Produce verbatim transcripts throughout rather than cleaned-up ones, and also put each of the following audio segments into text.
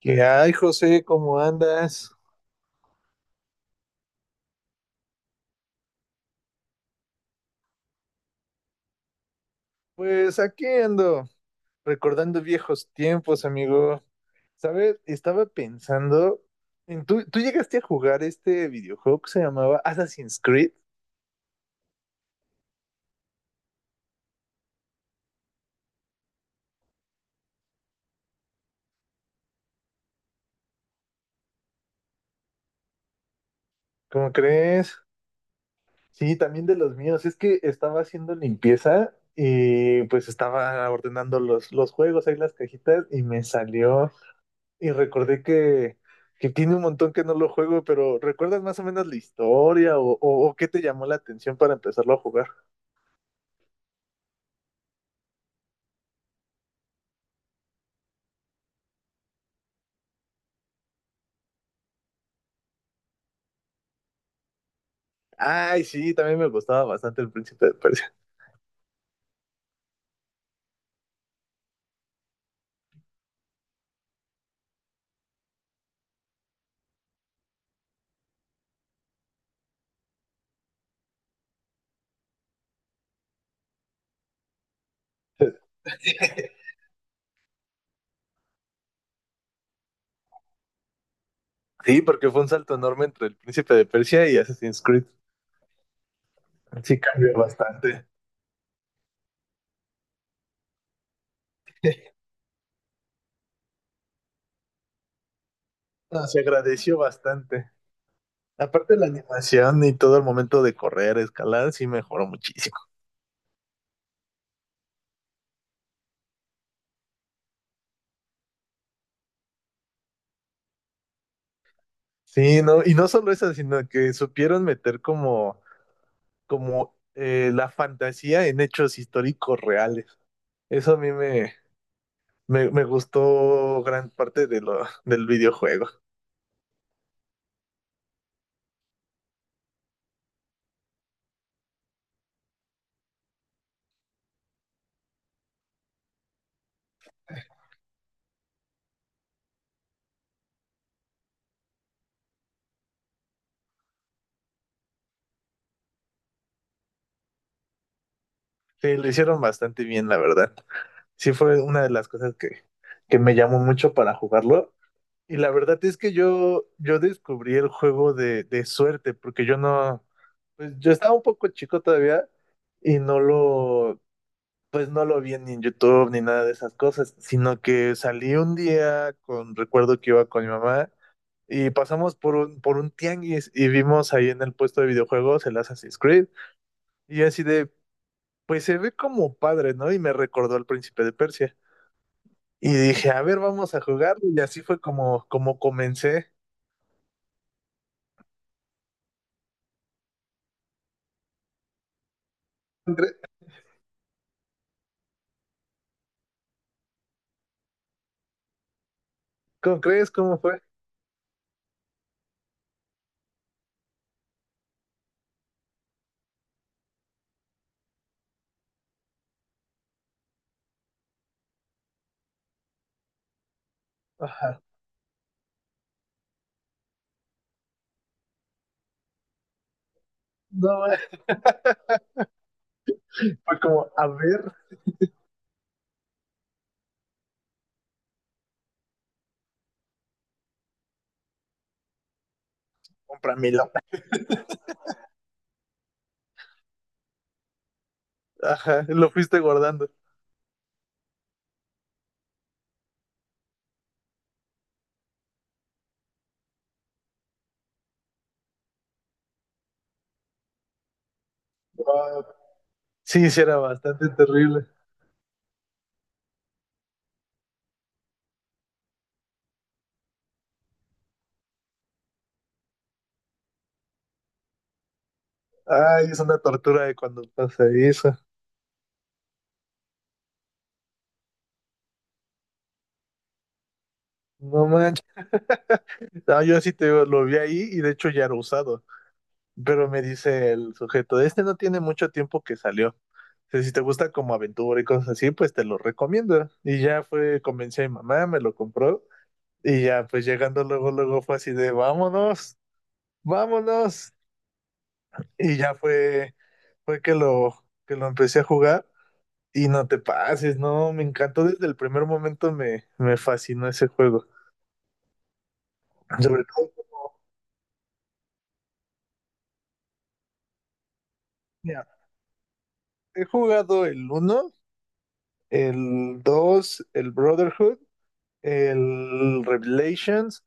¿Qué hay, José? ¿Cómo andas? Pues aquí ando, recordando viejos tiempos, amigo. ¿Sabes? Estaba pensando en tú, tú llegaste a jugar este videojuego que se llamaba Assassin's Creed, ¿cómo crees? Sí, también de los míos. Es que estaba haciendo limpieza y pues estaba ordenando los, los juegos, ahí las cajitas y me salió. Y recordé que, que tiene un montón que no lo juego, pero ¿recuerdas más o menos la historia o, o- o qué te llamó la atención para empezarlo a jugar? Ay, sí, también me gustaba bastante el Príncipe de Persia. Sí, porque fue un salto enorme entre el Príncipe de Persia y Assassin's Creed. Sí, cambió bastante. No, se agradeció bastante. Aparte la animación y todo el momento de correr, escalar, sí mejoró muchísimo. Sí, no, y no solo eso, sino que supieron meter como como eh, la fantasía en hechos históricos reales. Eso a mí me, me, me gustó gran parte de lo, del videojuego. Sí, lo hicieron bastante bien, la verdad. Sí fue una de las cosas que, que me llamó mucho para jugarlo. Y la verdad es que yo, yo descubrí el juego de, de suerte, porque yo no, pues yo estaba un poco chico todavía y no lo, pues no lo vi ni en YouTube ni nada de esas cosas, sino que salí un día con, recuerdo que iba con mi mamá y pasamos por un, por un tianguis y vimos ahí en el puesto de videojuegos el Assassin's Creed. Y así de, pues se ve como padre, ¿no? Y me recordó al Príncipe de Persia. Y dije, a ver, vamos a jugarlo. Y así fue como, como comencé. Cre- ¿Cómo crees? ¿Cómo fue? Ajá. No, güey. Fue como, a ver, cómpramelo. Ajá, lo fuiste guardando. Wow. Sí, sí, era bastante terrible. Ay, es una tortura de cuando pasa eso. No manches. No, yo así te digo, lo vi ahí y de hecho ya era usado. Pero me dice el sujeto, este no tiene mucho tiempo que salió. Dice, si te gusta como aventura y cosas así, pues te lo recomiendo. Y ya fue, convencí a mi mamá, me lo compró. Y ya, pues llegando luego, luego fue así de, vámonos, vámonos. Y ya fue, fue que lo, que lo empecé a jugar. Y no te pases, no, me encantó desde el primer momento, me, me fascinó ese juego. Sobre todo, mira, he jugado el uno, el dos, el Brotherhood, el Revelations,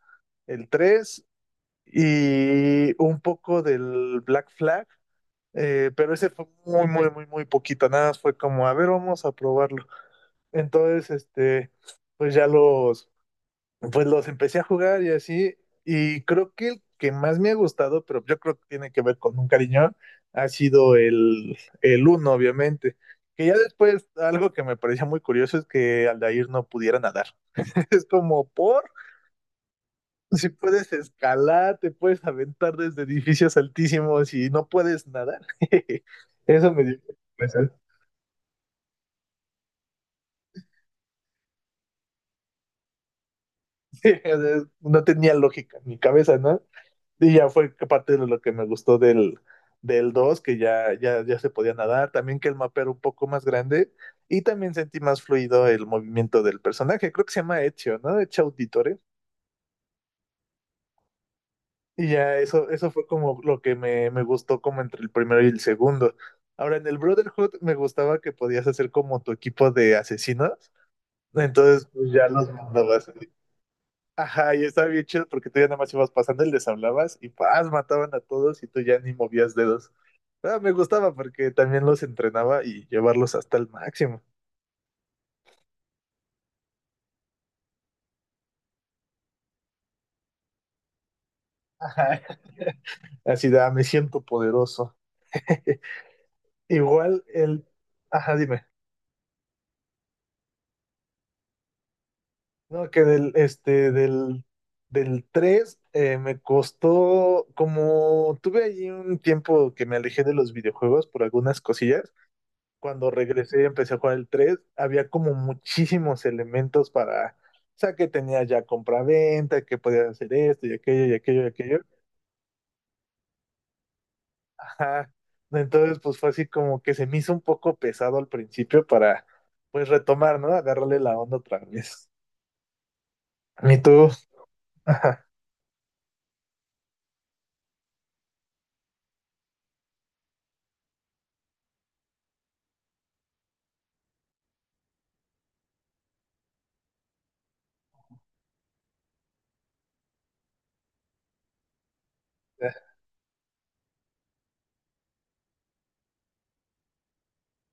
el tres y un poco del Black Flag, eh, pero ese fue muy, muy, muy, muy poquito, nada más fue como, a ver, vamos a probarlo. Entonces, este, pues ya los, pues los empecé a jugar y así, y creo que el que más me ha gustado, pero yo creo que tiene que ver con un cariño, ha sido el, el uno obviamente. Que ya después, algo que me parecía muy curioso es que Aldair no pudiera nadar. Es como, ¿por? Si puedes escalar, te puedes aventar desde edificios altísimos y no puedes nadar. Eso me dio impresión. Sí, o sea, no tenía lógica en mi cabeza, ¿no? Y ya fue que parte de lo que me gustó del, del dos, que ya, ya, ya se podía nadar, también que el mapa era un poco más grande y también sentí más fluido el movimiento del personaje. Creo que se llama Ezio, ¿no? Ezio Auditore. Y ya eso, eso fue como lo que me, me gustó como entre el primero y el segundo. Ahora, en el Brotherhood me gustaba que podías hacer como tu equipo de asesinos. Entonces, pues ya los mandabas. Ajá, y estaba bien chido porque tú ya nada más ibas pasando y les hablabas y paz, mataban a todos y tú ya ni movías dedos. Ah, me gustaba porque también los entrenaba y llevarlos hasta el máximo. Ajá. Así de, "Ah, me siento poderoso". Igual el... Ajá, dime. No, que del, este, del, del tres, eh, me costó, como tuve allí un tiempo que me alejé de los videojuegos por algunas cosillas, cuando regresé y empecé a jugar el tres había como muchísimos elementos para, o sea, que tenía ya compra-venta, que podías hacer esto y aquello y aquello y aquello. Ajá. Entonces, pues fue así como que se me hizo un poco pesado al principio para, pues, retomar, ¿no? Agarrarle la onda otra vez. ¿Y tú? Ajá.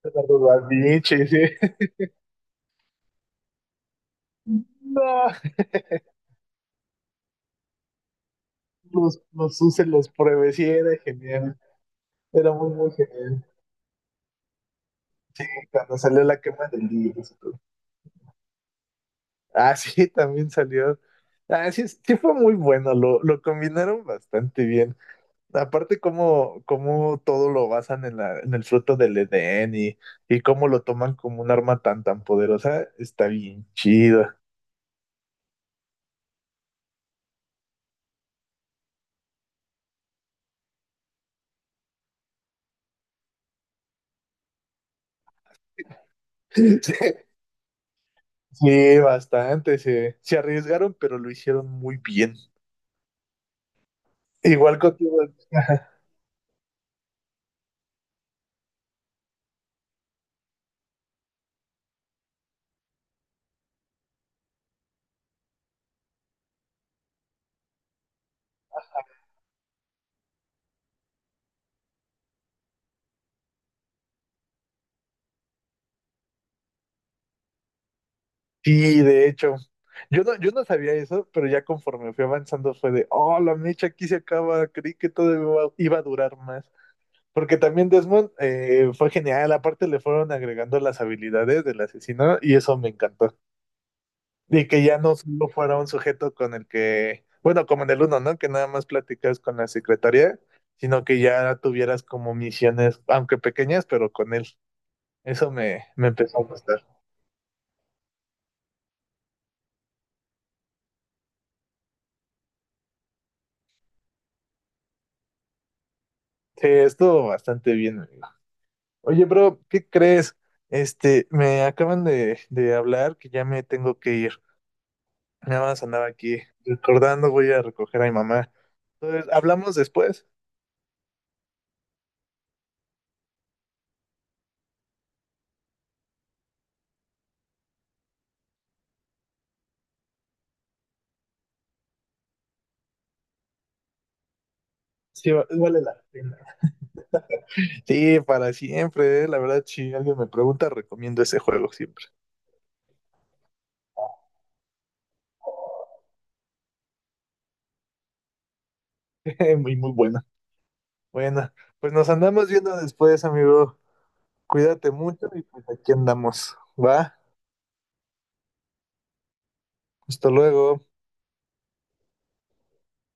Eduardo Da Vinci, sí. No. Los, los use, los pruebe, sí, era genial. Era muy, muy genial. Y cuando salió la quema del libro. Ah, sí, también salió. Ah, sí, sí fue muy bueno, lo, lo combinaron bastante bien. Aparte, cómo, cómo todo lo basan en, la, en el fruto del Edén y, y cómo lo toman como un arma tan, tan poderosa, está bien chido. Sí, bastante, se, se arriesgaron, pero lo hicieron muy bien. Igual contigo. Ajá. Sí, de hecho. Yo no, yo no sabía eso, pero ya conforme fui avanzando fue de, oh, la mecha aquí se acaba, creí que todo iba, iba a durar más. Porque también Desmond, eh, fue genial, aparte le fueron agregando las habilidades del asesino y eso me encantó. Y que ya no solo fuera un sujeto con el que, bueno, como en el uno, ¿no? Que nada más platicas con la secretaria, sino que ya tuvieras como misiones, aunque pequeñas, pero con él. Eso me, me empezó a gustar. Sí, estuvo bastante bien, amigo. Oye, bro, ¿qué crees? Este, me acaban de, de hablar que ya me tengo que ir. Nada más andaba aquí recordando, voy a recoger a mi mamá. Entonces, hablamos después. Sí, va- vale la pena. Sí, para siempre, eh. La verdad, si alguien me pregunta, recomiendo ese juego siempre. Muy, muy bueno. Bueno, pues nos andamos viendo después, amigo. Cuídate mucho y pues aquí andamos. Va, hasta luego.